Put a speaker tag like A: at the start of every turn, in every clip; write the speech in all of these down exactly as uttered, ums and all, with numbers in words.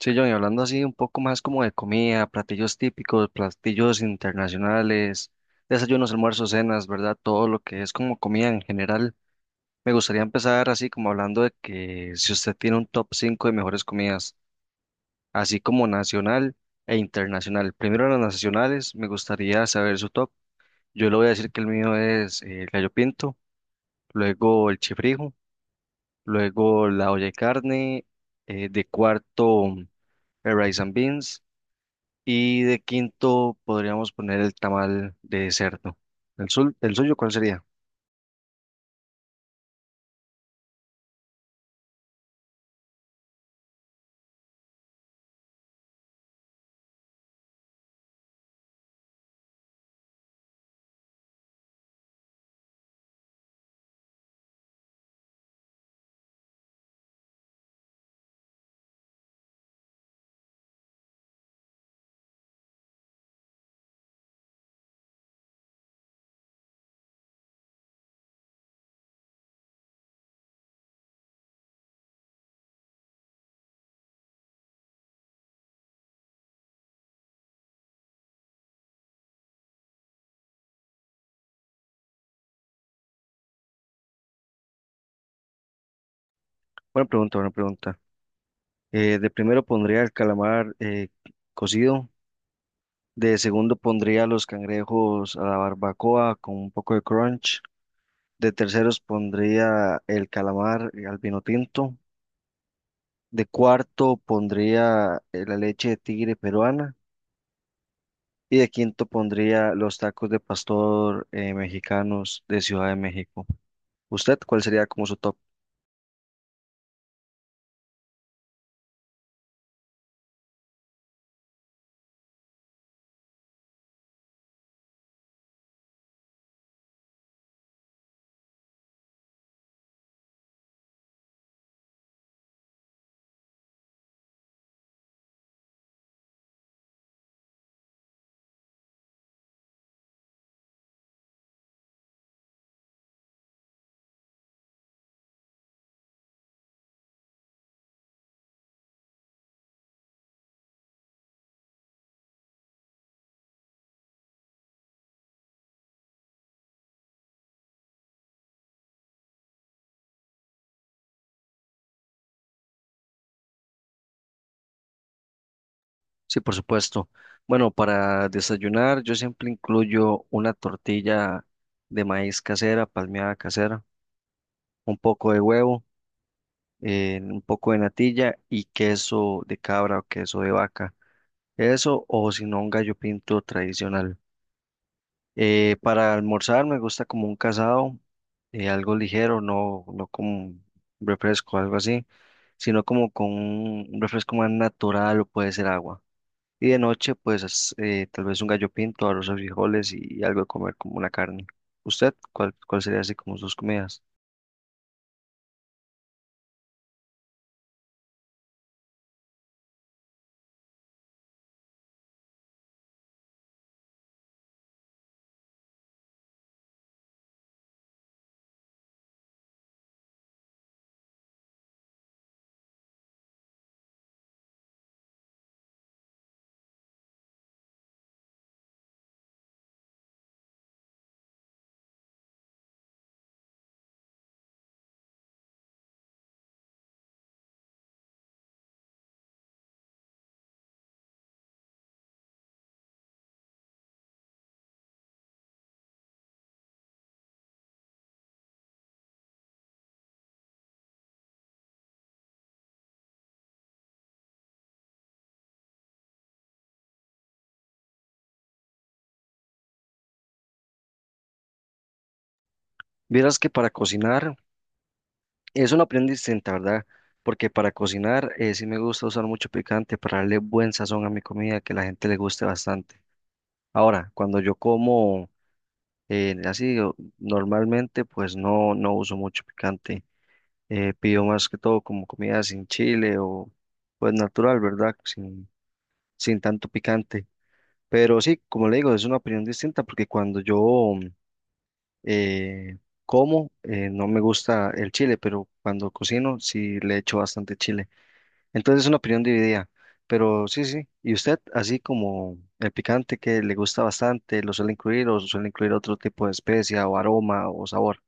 A: Sí, John, y hablando así un poco más como de comida, platillos típicos, platillos internacionales, desayunos, almuerzos, cenas, ¿verdad? Todo lo que es como comida en general. Me gustaría empezar así como hablando de que si usted tiene un top cinco de mejores comidas, así como nacional e internacional. Primero las nacionales, me gustaría saber su top. Yo le voy a decir que el mío es eh, el gallo pinto, luego el chifrijo, luego la olla de carne, eh, de cuarto el rice and beans. Y de quinto podríamos poner el tamal de cerdo. ¿El, sul- El suyo, ¿cuál sería? Buena pregunta, buena pregunta. Eh, de primero pondría el calamar eh, cocido. De segundo pondría los cangrejos a la barbacoa con un poco de crunch. De terceros pondría el calamar eh, al vino tinto. De cuarto pondría eh, la leche de tigre peruana. Y de quinto pondría los tacos de pastor eh, mexicanos de Ciudad de México. ¿Usted cuál sería como su top? Sí, por supuesto. Bueno, para desayunar yo siempre incluyo una tortilla de maíz casera, palmeada casera, un poco de huevo, eh, un poco de natilla y queso de cabra o queso de vaca. Eso o si no un gallo pinto tradicional. Eh, para almorzar me gusta como un casado, eh, algo ligero, no, no como un refresco, algo así, sino como con un refresco más natural o puede ser agua. Y de noche, pues eh, tal vez un gallo pinto, arroz o frijoles y algo de comer como una carne. ¿Usted cuál, cuál sería así como sus comidas? Vieras que para cocinar es una prenda distinta, ¿verdad? Porque para cocinar, eh, sí me gusta usar mucho picante para darle buen sazón a mi comida, que la gente le guste bastante. Ahora, cuando yo como, eh, así o- normalmente, pues no, no uso mucho picante. Eh, pido más que todo como comida sin chile o pues natural, ¿verdad? Sin, sin tanto picante. Pero sí, como le digo, es una opinión distinta porque cuando yo eh, como, eh, no me gusta el chile, pero cuando cocino sí le echo bastante chile. Entonces es una opinión dividida. Pero sí, sí. ¿Y usted, así como el picante que le gusta bastante, lo suele incluir o suele incluir otro tipo de especia o aroma o sabor?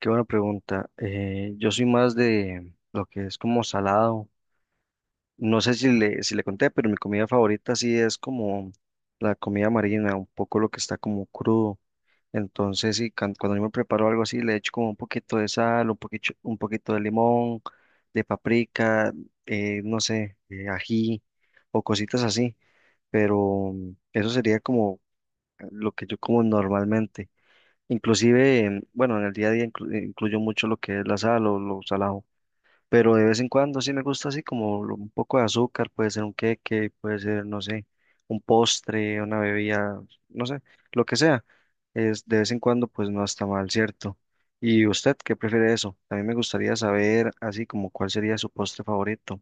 A: Qué buena pregunta. Eh, yo soy más de lo que es como salado. No sé si le, si le conté, pero mi comida favorita sí es como la comida marina, un poco lo que está como crudo. Entonces, sí, can- cuando yo me preparo algo así, le echo como un poquito de sal, un poquito, un poquito de limón, de paprika, eh, no sé, eh, ají o cositas así. Pero mm, eso sería como lo que yo como normalmente. Inclusive, em, bueno, en el día a día inclu- incluyo mucho lo que es la sal o lo salado, pero de vez en cuando sí me gusta así como lo- un poco de azúcar, puede ser un queque, puede ser, no sé, un postre, una bebida, no sé, lo que sea. Es de vez en cuando, pues no está mal, ¿cierto? ¿Y usted qué prefiere eso? También me gustaría saber así como cuál sería su postre favorito.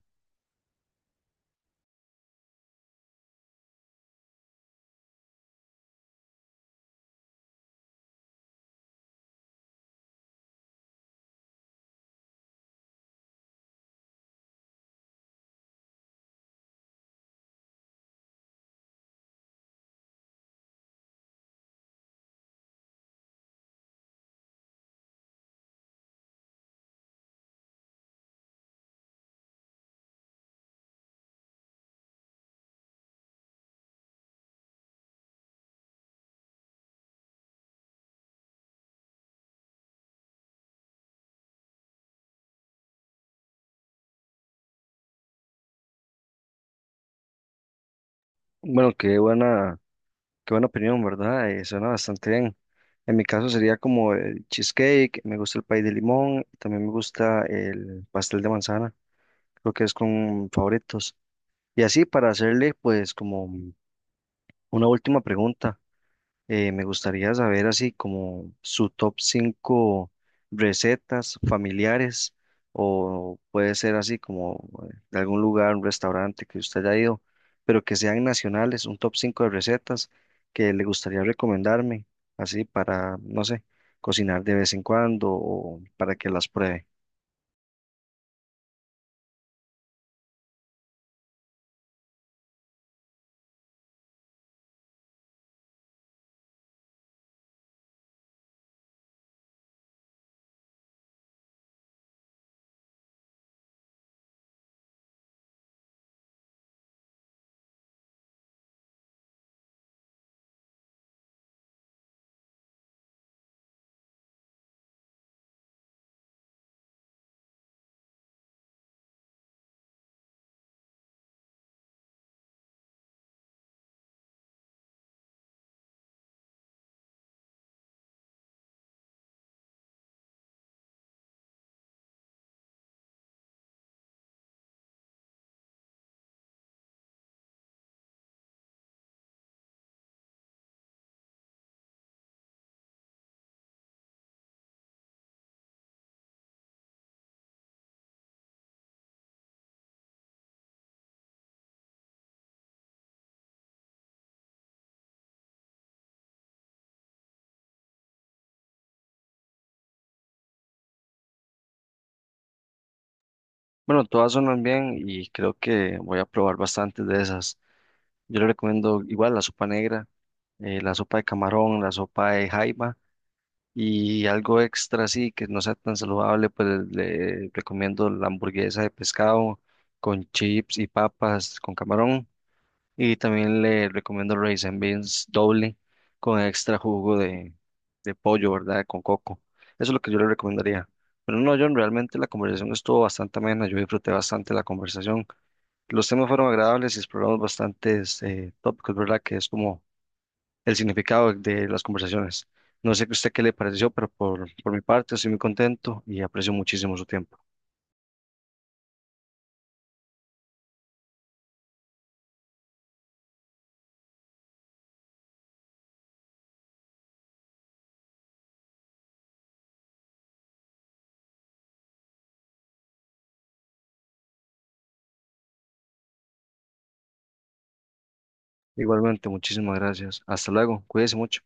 A: Bueno, qué buena, qué buena opinión, ¿verdad? Eh, suena bastante bien. En mi caso sería como el cheesecake, me gusta el pay de limón, también me gusta el pastel de manzana, creo que es con favoritos. Y así para hacerle pues como una última pregunta, eh, me gustaría saber así como su top cinco recetas familiares o puede ser así como eh, de algún lugar, un restaurante que usted haya ido, pero que sean nacionales, un top cinco de recetas que le gustaría recomendarme, así para, no sé, cocinar de vez en cuando o para que las pruebe. Bueno, todas son bien y creo que voy a probar bastantes de esas. Yo le recomiendo igual la sopa negra, eh, la sopa de camarón, la sopa de jaiba y algo extra así que no sea tan saludable, pues le recomiendo la hamburguesa de pescado con chips y papas con camarón, y también le recomiendo raisin beans doble con extra jugo de, de pollo, ¿verdad? Con coco. Eso es lo que yo le recomendaría. Pero no, John, realmente la conversación estuvo bastante amena, yo disfruté bastante la conversación. Los temas fueron agradables y exploramos bastantes eh, tópicos, ¿verdad? Que es como el significado de las conversaciones. No sé a usted qué le pareció, pero por, por mi parte estoy muy contento y aprecio muchísimo su tiempo. Igualmente, muchísimas gracias. Hasta luego. Cuídese mucho.